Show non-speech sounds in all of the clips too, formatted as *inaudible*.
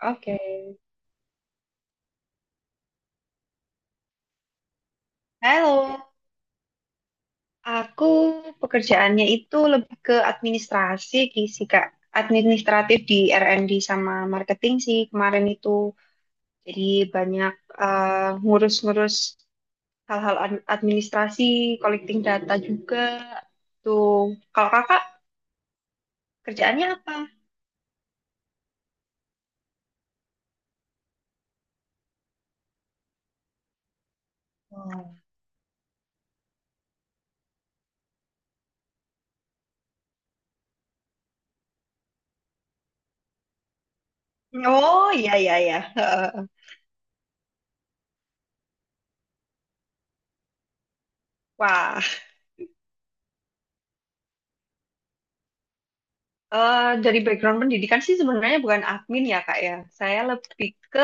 Oke. Halo, aku pekerjaannya itu lebih ke administrasi sih, Kak. Administratif di R&D sama marketing sih kemarin itu. Jadi banyak eh, ngurus-ngurus hal-hal administrasi, collecting data juga. Tuh, kalau kakak kerjaannya apa? Oh. Oh, iya, iya, iya. *laughs* Wah. Dari background pendidikan sih sebenarnya bukan admin ya Kak ya. Saya lebih ke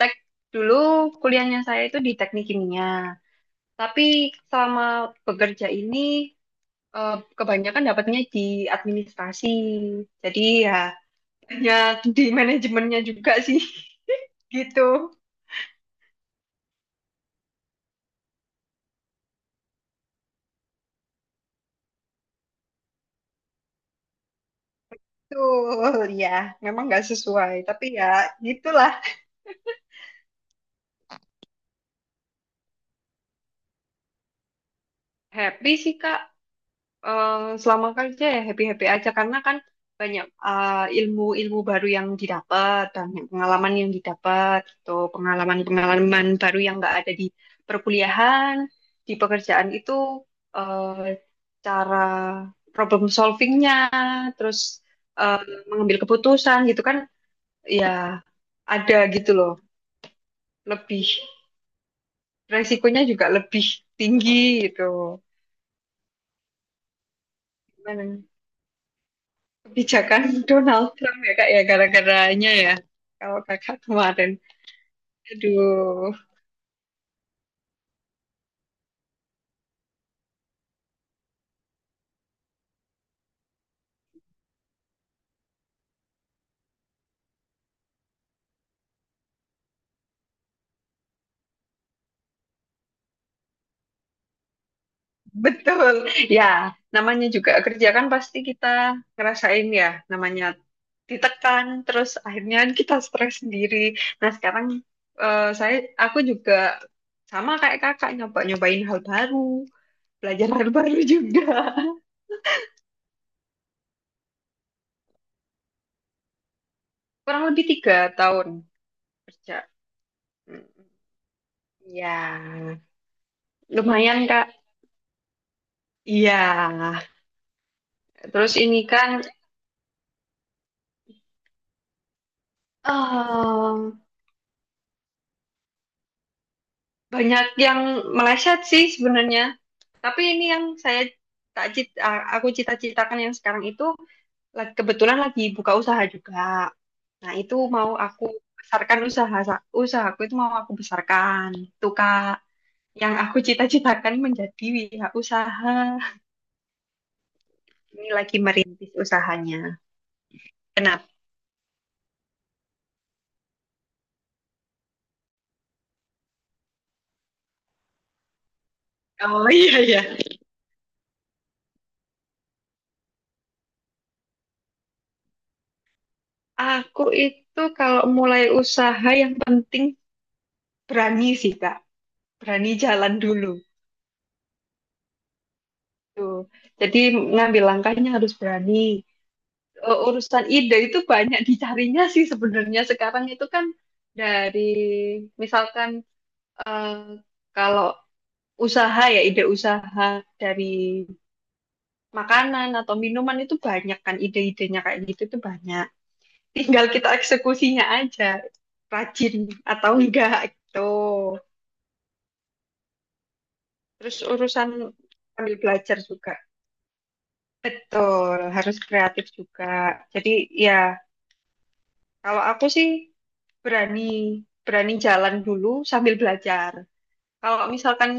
tek dulu kuliahnya saya itu di teknik kimia. Tapi selama bekerja ini kebanyakan dapatnya di administrasi. Jadi ya hanya di manajemennya juga sih *laughs* gitu. Tuh ya, memang nggak sesuai. Tapi ya gitulah. Happy sih Kak. eh, Selama kerja ya happy-happy aja karena kan banyak ilmu-ilmu baru yang didapat, banyak pengalaman yang didapat, gitu. Pengalaman-pengalaman baru yang nggak ada di perkuliahan, di pekerjaan itu eh, cara problem solvingnya, terus eh, mengambil keputusan gitu kan, ya ada gitu loh. Lebih resikonya juga lebih tinggi gitu. Gimana? Kebijakan *laughs* Donald Trump ya kak ya gara-garanya ya. Kalau kakak kemarin, aduh, betul. Ya, namanya juga kerja kan pasti kita ngerasain ya, namanya ditekan, terus akhirnya kita stres sendiri. Nah sekarang eh, saya, aku juga sama kayak kakak nyobain hal baru, belajar hal baru juga. *laughs* Kurang lebih 3 tahun kerja. Mm, ya, lumayan kak. Iya, terus ini kan Em, banyak yang meleset sih sebenarnya. Tapi ini yang saya tak cit- a- aku cita-citakan yang sekarang itu kebetulan lagi buka usaha juga. Nah, itu mau aku besarkan usaha usahaku itu mau aku besarkan. Itu Kak, yang aku cita-citakan menjadi wira usaha. Ini lagi merintis usahanya. Kenapa? Oh *laughs* iya iya. Aku itu kalau mulai usaha yang penting berani sih, Kak. Berani jalan dulu. Tuh. Jadi ngambil langkahnya harus berani. Urusan ide itu banyak dicarinya sih sebenarnya sekarang itu kan dari misalkan eh, kalau usaha ya ide usaha dari makanan atau minuman itu banyak kan ide-idenya kayak gitu itu banyak. Tinggal kita eksekusinya aja rajin atau enggak gitu. Terus urusan ambil belajar juga. Betul, harus kreatif juga. Jadi ya kalau aku sih berani berani jalan dulu sambil belajar. Kalau misalkan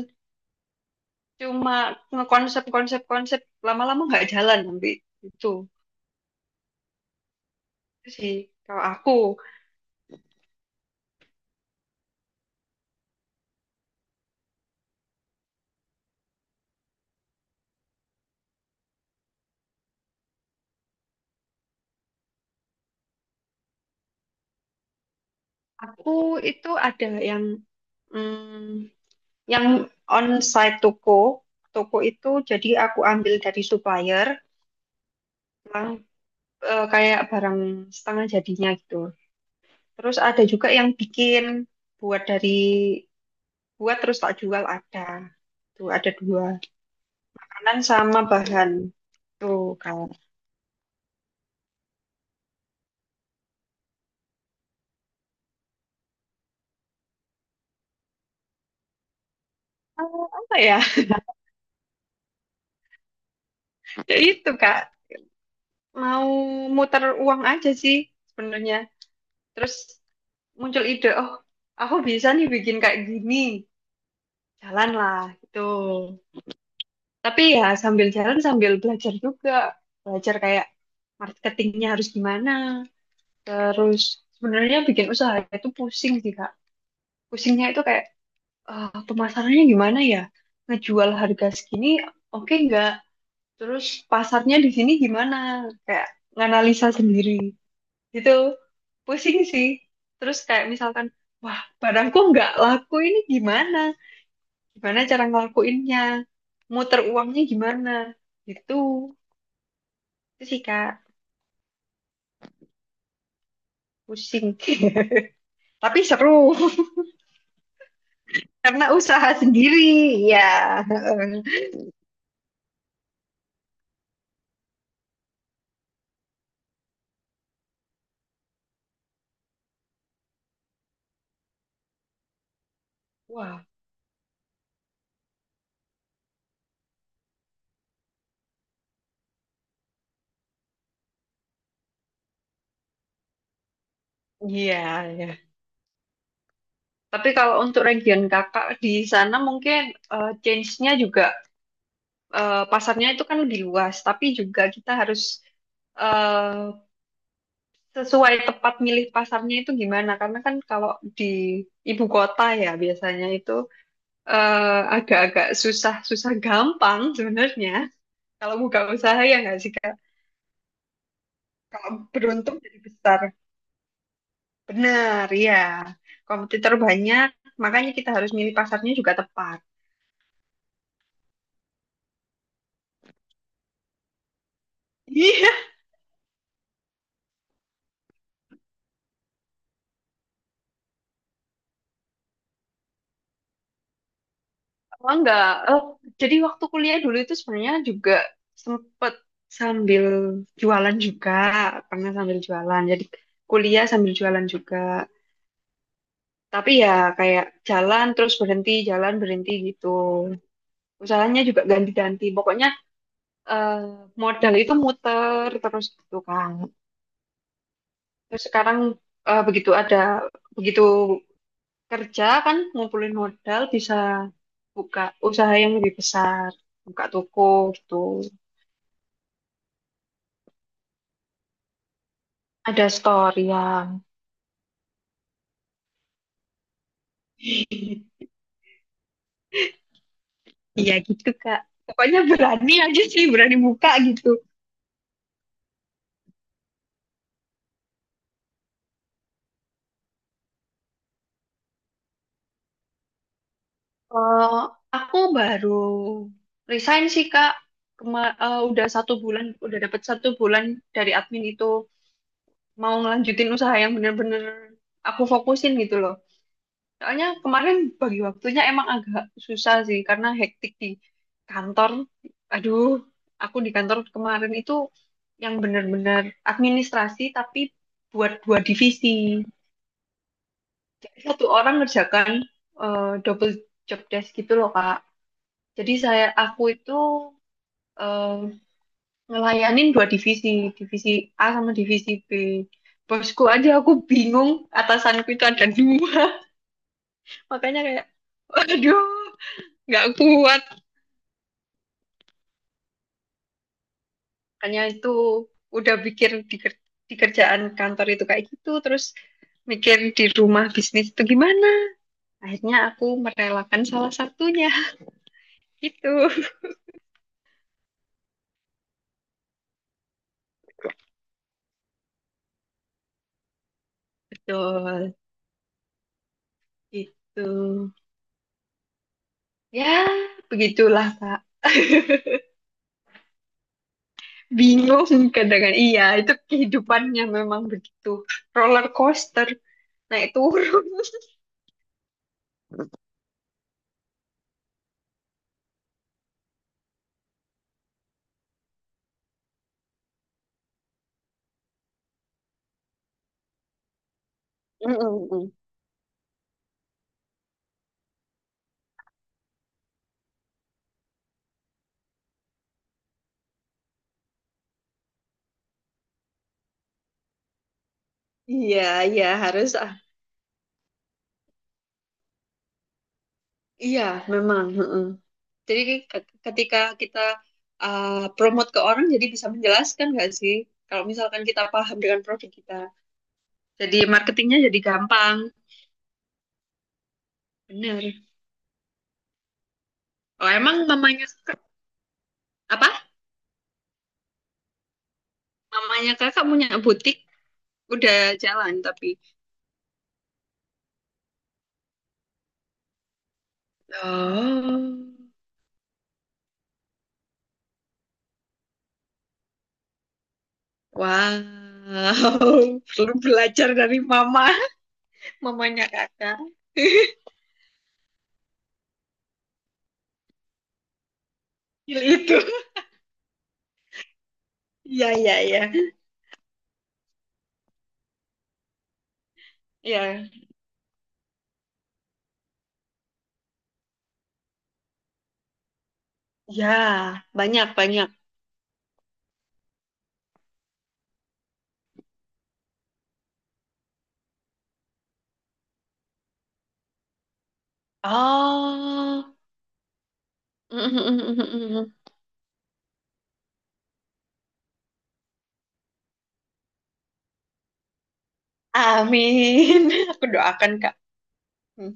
cuma ngekonsep konsep konsep lama-lama nggak jalan nanti itu sih. Kalau aku itu ada yang mm, yang onsite toko itu jadi aku ambil dari supplier, yang kayak barang setengah jadinya gitu. Terus ada juga yang bikin buat dari buat terus tak jual ada. Tuh ada dua. Makanan sama bahan. Tuh, Kak. Apa ya? *laughs* Ya itu, Kak. Mau muter uang aja sih sebenarnya. Terus muncul ide, oh, aku bisa nih bikin kayak gini. Jalanlah, gitu. Tapi ya sambil jalan, sambil belajar juga. Belajar kayak marketingnya harus gimana. Terus sebenarnya bikin usaha itu pusing sih, Kak. Pusingnya itu kayak, pemasarannya gimana ya? Ngejual harga segini, oke nggak? Terus pasarnya di sini gimana? Kayak nganalisa sendiri gitu. Pusing sih. Terus kayak misalkan, wah barangku nggak laku ini gimana? Gimana cara ngelakuinnya? Muter uangnya gimana? Gitu. Itu sih Kak, pusing. *laughs* Tapi seru *laughs* karena usaha sendiri. Ya. *laughs* Wah, iya ya. Tapi kalau untuk region kakak di sana mungkin change-nya juga pasarnya itu kan lebih luas, tapi juga kita harus eh, sesuai tepat milih pasarnya itu gimana. Karena kan kalau di ibu kota ya biasanya itu eh, agak-agak susah, susah gampang sebenarnya. Kalau buka usaha ya nggak sih Kak? Kalau beruntung jadi besar. Benar, ya. Kompetitor banyak, makanya kita harus milih pasarnya juga tepat. *laughs* Oh enggak, Eh, jadi waktu kuliah dulu itu sebenarnya juga sempet sambil jualan juga, pernah sambil jualan. Jadi kuliah sambil jualan juga. Tapi ya kayak jalan terus berhenti, jalan berhenti gitu. Usahanya juga ganti-ganti. Pokoknya eh, modal itu muter terus gitu kan. Terus sekarang eh, begitu ada, begitu kerja kan ngumpulin modal bisa buka usaha yang lebih besar, buka toko gitu. Ada storyan. Iya gitu Kak. Pokoknya berani aja sih, berani buka gitu. Eh, aku baru resign sih Kak. Udah satu bulan, udah dapat satu bulan dari admin itu mau ngelanjutin usaha yang bener-bener aku fokusin gitu loh. Soalnya kemarin bagi waktunya emang agak susah sih karena hektik di kantor. Aduh, aku di kantor kemarin itu yang bener-bener administrasi tapi buat dua divisi. Jadi satu orang ngerjakan double job desk gitu loh Kak. Jadi aku itu eh, ngelayanin dua divisi, divisi A sama divisi B. Bosku aja aku bingung atasanku itu ada dua. *laughs* Makanya kayak, waduh, nggak kuat. Makanya itu udah pikir di kerjaan kantor itu kayak gitu, terus mikir di rumah bisnis itu gimana. Akhirnya aku merelakan salah satunya. *laughs* Gitu. Betul, gitu. Ya, begitulah, Kak. *laughs* Bingung kadang. Iya, itu kehidupannya memang begitu. Roller coaster, naik turun. *laughs* Mm-mm-mm. Iya, iya harus. Iya, memang. Heeh. Jadi ketika kita ah, promote ke orang, jadi bisa menjelaskan nggak sih? Kalau misalkan kita paham dengan produk kita, jadi marketingnya jadi gampang. Bener. Oh, emang mamanya kakak- apa? Mamanya kakak punya butik udah jalan tapi. Oh, wow. *laughs* Perlu belajar dari mamanya kakak. *laughs* itu. Ya, ya, ya, iya. Ya, banyak, banyak. Oh. *laughs* Amin. *laughs* Aku doakan, Kak. Hmm.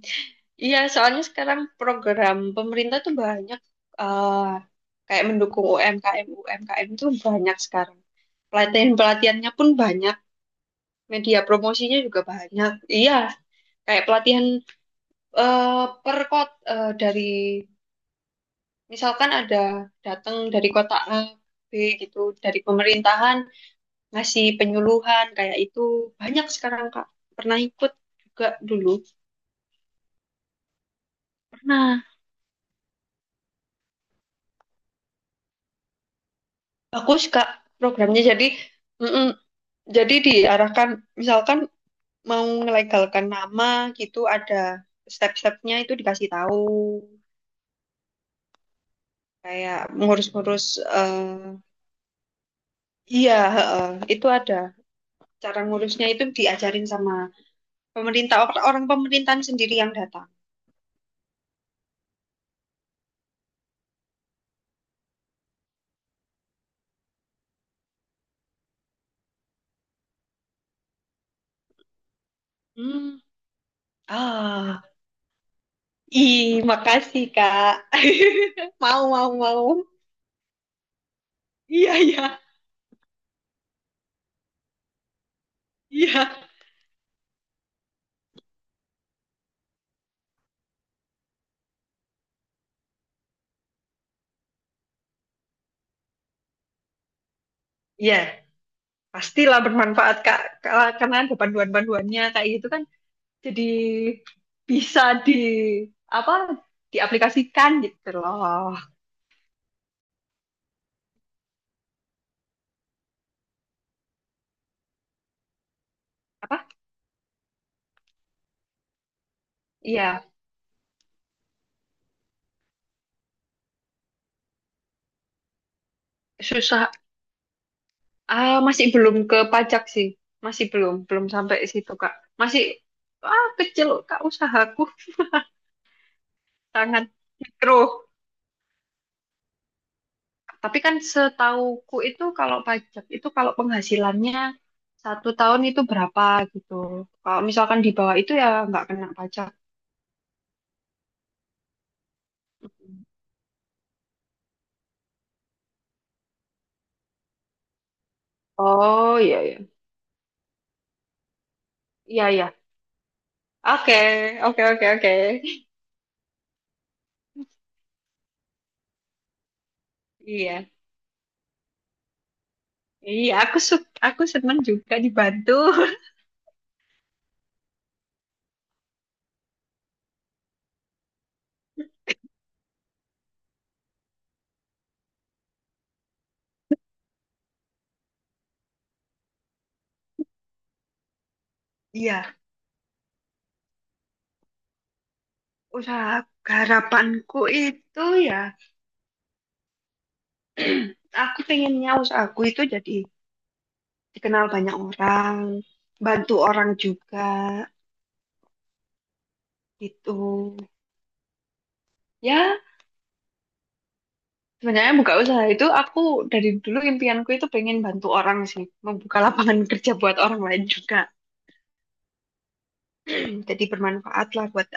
Iya, soalnya sekarang program pemerintah tuh banyak eh, kayak mendukung UMKM. UMKM tuh banyak sekarang. Pelatihan-pelatihannya pun banyak, media promosinya juga banyak. Iya, kayak pelatihan per kota dari misalkan ada datang dari kota A B gitu dari pemerintahan ngasih penyuluhan kayak itu banyak sekarang Kak, pernah ikut juga dulu. Pernah bagus Kak programnya, jadi mm-mm. Jadi diarahkan misalkan mau melegalkan nama gitu ada step-stepnya itu dikasih tahu kayak ngurus-ngurus eh, iya heeh, itu ada. Cara ngurusnya itu diajarin sama pemerintah, orang pemerintahan sendiri yang datang. Hmm. Ah, ih, makasih, Kak. *laughs* Mau, mau, mau. Iya, iya, iya. Iya, pastilah bermanfaat, Kak. Karena ada panduan-panduannya kayak gitu kan jadi bisa di apa diaplikasikan gitu loh. Apa? Iya, susah. Ah, masih belum ke pajak sih. Masih belum, belum sampai situ, Kak. Masih kecil, Kak, usahaku sangat mikro. Tapi kan setauku itu kalau pajak itu kalau penghasilannya satu tahun itu berapa gitu. Kalau misalkan di bawah itu ya nggak kena pajak. Mm. Oh iya iya. Iya iya. Oke, oke oke oke. Iya. Iya, aku aku senang juga dibantu. *laughs* Iya, usaha harapanku itu ya aku pengennya usaha aku itu jadi dikenal banyak orang, bantu orang juga gitu. Ya, sebenarnya buka usaha itu aku dari dulu impianku itu pengen bantu orang sih, membuka lapangan *laughs* kerja buat orang lain juga. *clears throat* Jadi bermanfaat lah buat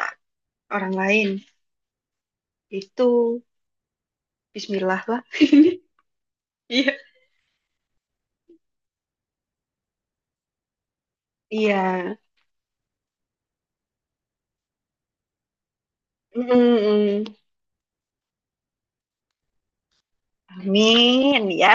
orang lain. Itu Bismillah lah. Iya. Iya. Mm, mm, mm. Amin ya.